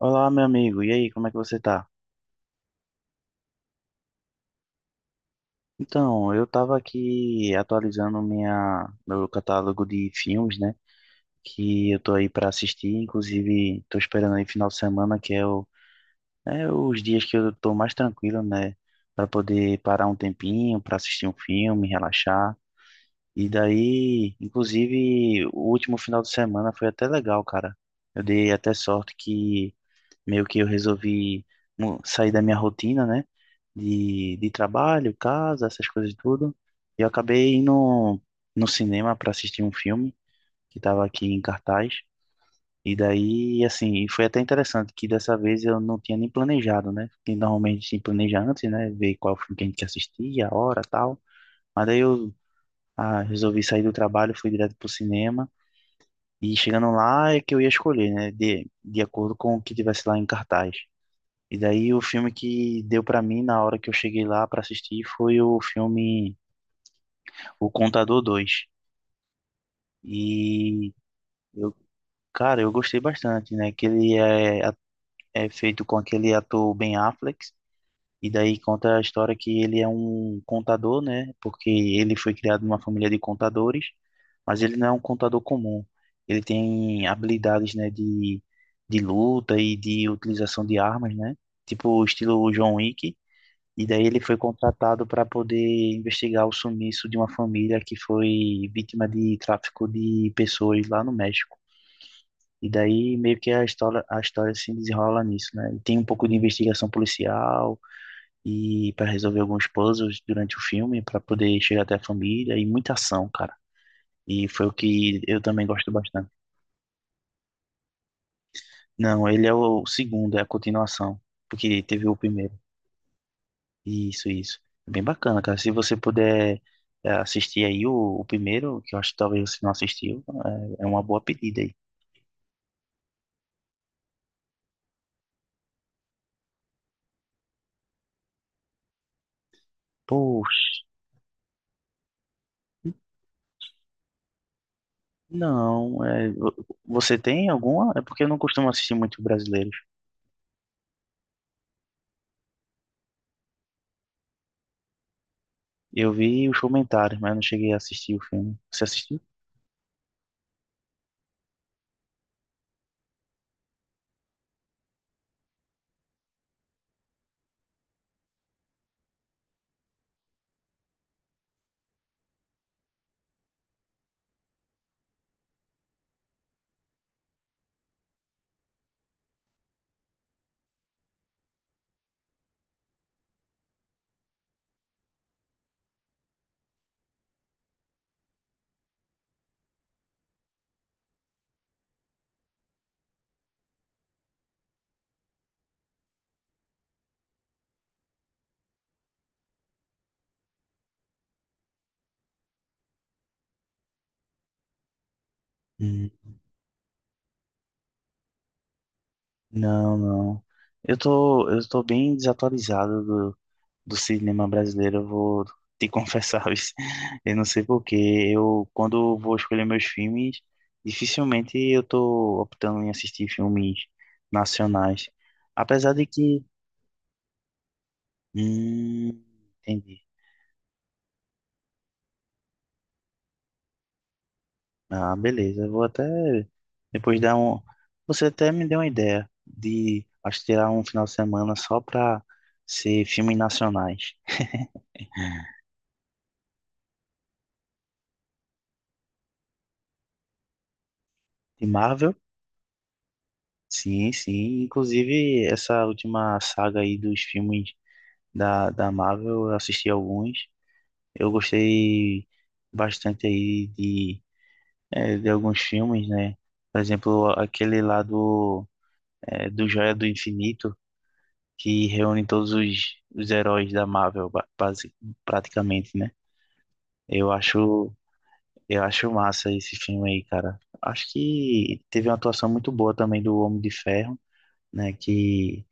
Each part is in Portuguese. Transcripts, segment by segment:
Olá, meu amigo. E aí, como é que você tá? Então, eu tava aqui atualizando minha meu catálogo de filmes, né? Que eu tô aí pra assistir, inclusive tô esperando aí final de semana, que é o é os dias que eu tô mais tranquilo, né, pra poder parar um tempinho pra assistir um filme, relaxar. E daí, inclusive, o último final de semana foi até legal, cara. Eu dei até sorte que meio que eu resolvi sair da minha rotina, né? De trabalho, casa, essas coisas tudo. E eu acabei indo no cinema para assistir um filme que estava aqui em cartaz. E daí, assim, foi até interessante que dessa vez eu não tinha nem planejado, né? Porque normalmente se planeja antes, né? Ver qual filme que a gente quer assistir, a hora, tal. Mas daí eu resolvi sair do trabalho, fui direto pro cinema. E chegando lá é que eu ia escolher, né? De acordo com o que tivesse lá em cartaz. E daí o filme que deu pra mim na hora que eu cheguei lá pra assistir foi o filme O Contador 2. E eu, cara, eu gostei bastante, né? Que ele é, a- É feito com aquele ator Ben Affleck. E daí conta a história que ele é um contador, né? Porque ele foi criado numa família de contadores, mas ele não é um contador comum. Ele tem habilidades, né, de luta e de utilização de armas, né? Tipo o estilo John Wick. E daí ele foi contratado para poder investigar o sumiço de uma família que foi vítima de tráfico de pessoas lá no México. E daí meio que a história se desenrola nisso, né? E tem um pouco de investigação policial e para resolver alguns puzzles durante o filme para poder chegar até a família e muita ação, cara. E foi o que eu também gosto bastante. Não, ele é o segundo, é a continuação, porque teve o primeiro. Isso, isso. É bem bacana, cara. Se você puder assistir o primeiro, que eu acho que talvez você não assistiu, é uma boa pedida aí. Poxa, não. Você tem alguma? É porque eu não costumo assistir muito brasileiros. Eu vi os comentários, mas eu não cheguei a assistir o filme. Você assistiu? Hum. Não, não. Eu tô bem desatualizado do cinema brasileiro, eu vou te confessar, isso. Eu não sei por quê. Eu, quando eu vou escolher meus filmes, dificilmente eu tô optando em assistir filmes nacionais. Apesar de que. Hum, entendi. Ah, beleza. Eu vou até depois dar um. Você até me deu uma ideia de acho que tirar um final de semana só pra ser filmes nacionais. De Marvel? Sim, sim. Inclusive, essa última saga aí dos filmes da Marvel, eu assisti alguns. Eu gostei bastante aí de alguns filmes, né? Por exemplo, aquele lá do Joia do Infinito, que reúne os heróis da Marvel, praticamente, né? Eu acho, eu acho massa esse filme aí, cara. Acho que teve uma atuação muito boa também do Homem de Ferro, né? Que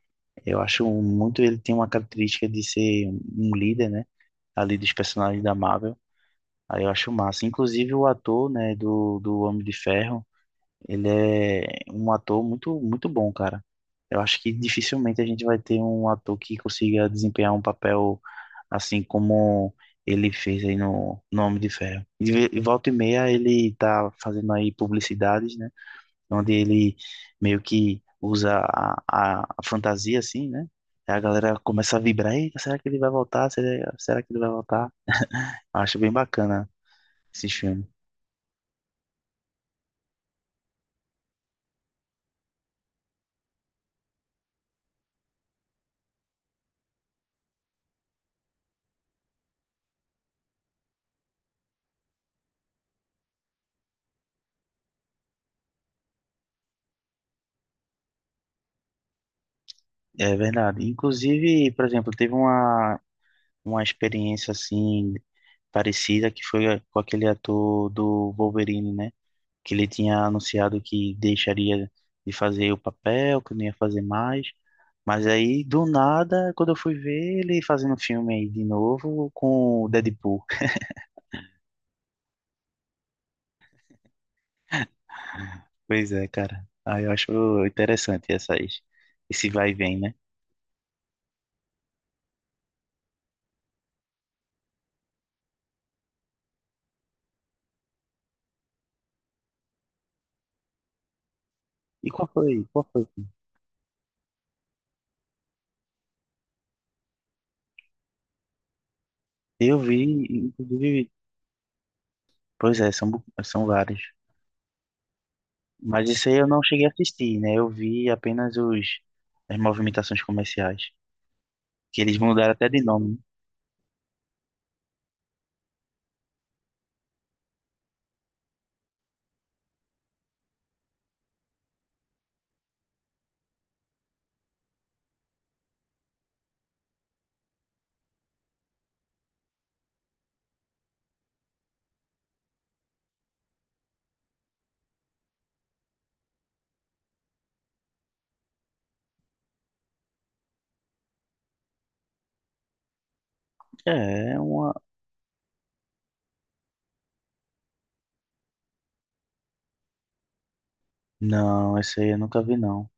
eu acho muito, ele tem uma característica de ser um líder, né? Ali dos personagens da Marvel. Aí eu acho massa. Inclusive o ator, né, do Homem de Ferro, ele é um ator muito bom, cara. Eu acho que dificilmente a gente vai ter um ator que consiga desempenhar um papel assim como ele fez aí no Homem de Ferro. E e volta e meia ele tá fazendo aí publicidades, né, onde ele meio que usa a fantasia, assim, né? Aí a galera começa a vibrar, eita, será que ele vai voltar? Será que ele vai voltar? Acho bem bacana esse filme. É verdade. Inclusive, por exemplo, uma experiência assim parecida que foi com aquele ator do Wolverine, né? Que ele tinha anunciado que deixaria de fazer o papel, que não ia fazer mais. Mas aí, do nada, quando eu fui ver ele fazendo filme aí de novo com o Deadpool. Pois é, cara. Aí eu acho interessante esse vai e vem, né? E qual foi? Qual foi? Eu vi, inclusive, pois é, são vários. Mas isso aí eu não cheguei a assistir, né? Eu vi apenas as movimentações comerciais. Que eles mudaram até de nome. É, uma. Não, esse aí eu nunca vi, não.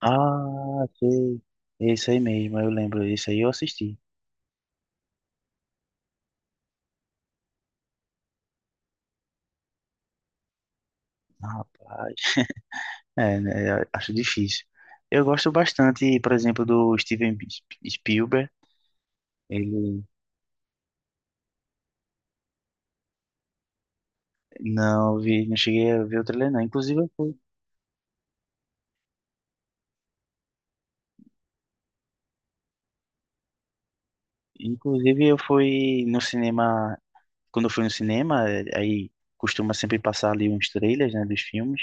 Ah, sei. Esse aí mesmo, eu lembro. Esse aí eu assisti. Rapaz. É, né? Acho difícil. Eu gosto bastante, por exemplo, do Steven Spielberg. Ele. Não, eu vi, não cheguei a ver o trailer, não. Inclusive, eu fui. Inclusive, eu fui no cinema, quando eu fui no cinema, aí costuma sempre passar ali uns trailers, né, dos filmes.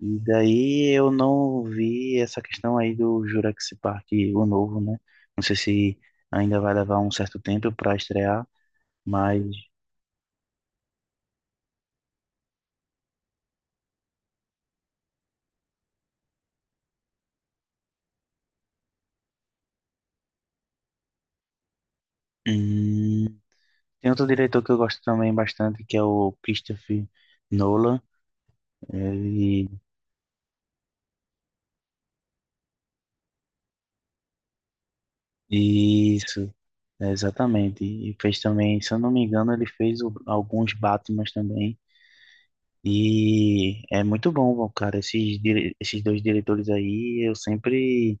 E daí eu não vi essa questão aí do Jurassic Park, o novo, né? Não sei se ainda vai levar um certo tempo para estrear, mas hum, tem outro diretor que eu gosto também bastante, que é o Christopher Nolan. Ele, isso, é, exatamente. E fez também, se eu não me engano, ele fez alguns Batmans também. E é muito bom, cara. Esses dois diretores aí, eu sempre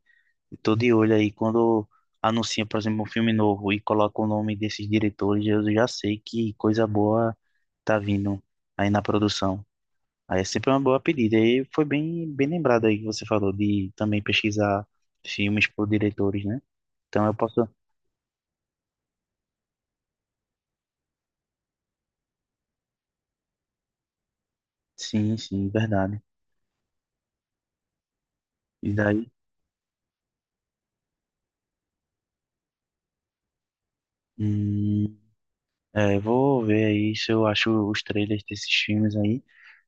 tô de olho aí. Quando anuncia, por exemplo, um filme novo e coloca o nome desses diretores, eu já sei que coisa boa tá vindo aí na produção. Aí é sempre uma boa pedida. E foi bem lembrado aí que você falou de também pesquisar filmes por diretores, né? Então eu posso. Sim, sim, verdade. E daí? Hum, é, vou ver aí se eu acho os trailers desses filmes aí,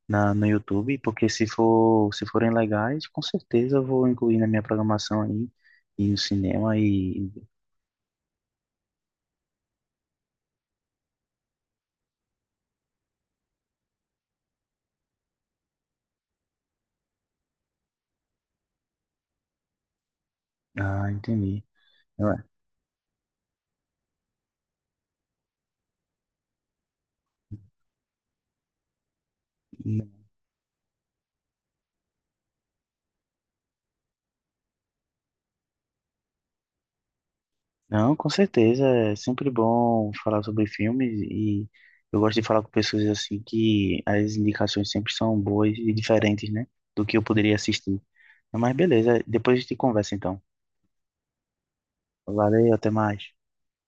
no YouTube, porque se forem legais, com certeza eu vou incluir na minha programação aí, e no cinema e... Ah, entendi. Eu- Não, com certeza, é sempre bom falar sobre filmes e eu gosto de falar com pessoas assim que as indicações sempre são boas e diferentes, né, do que eu poderia assistir. Mas beleza, depois a gente conversa então. Valeu, até mais.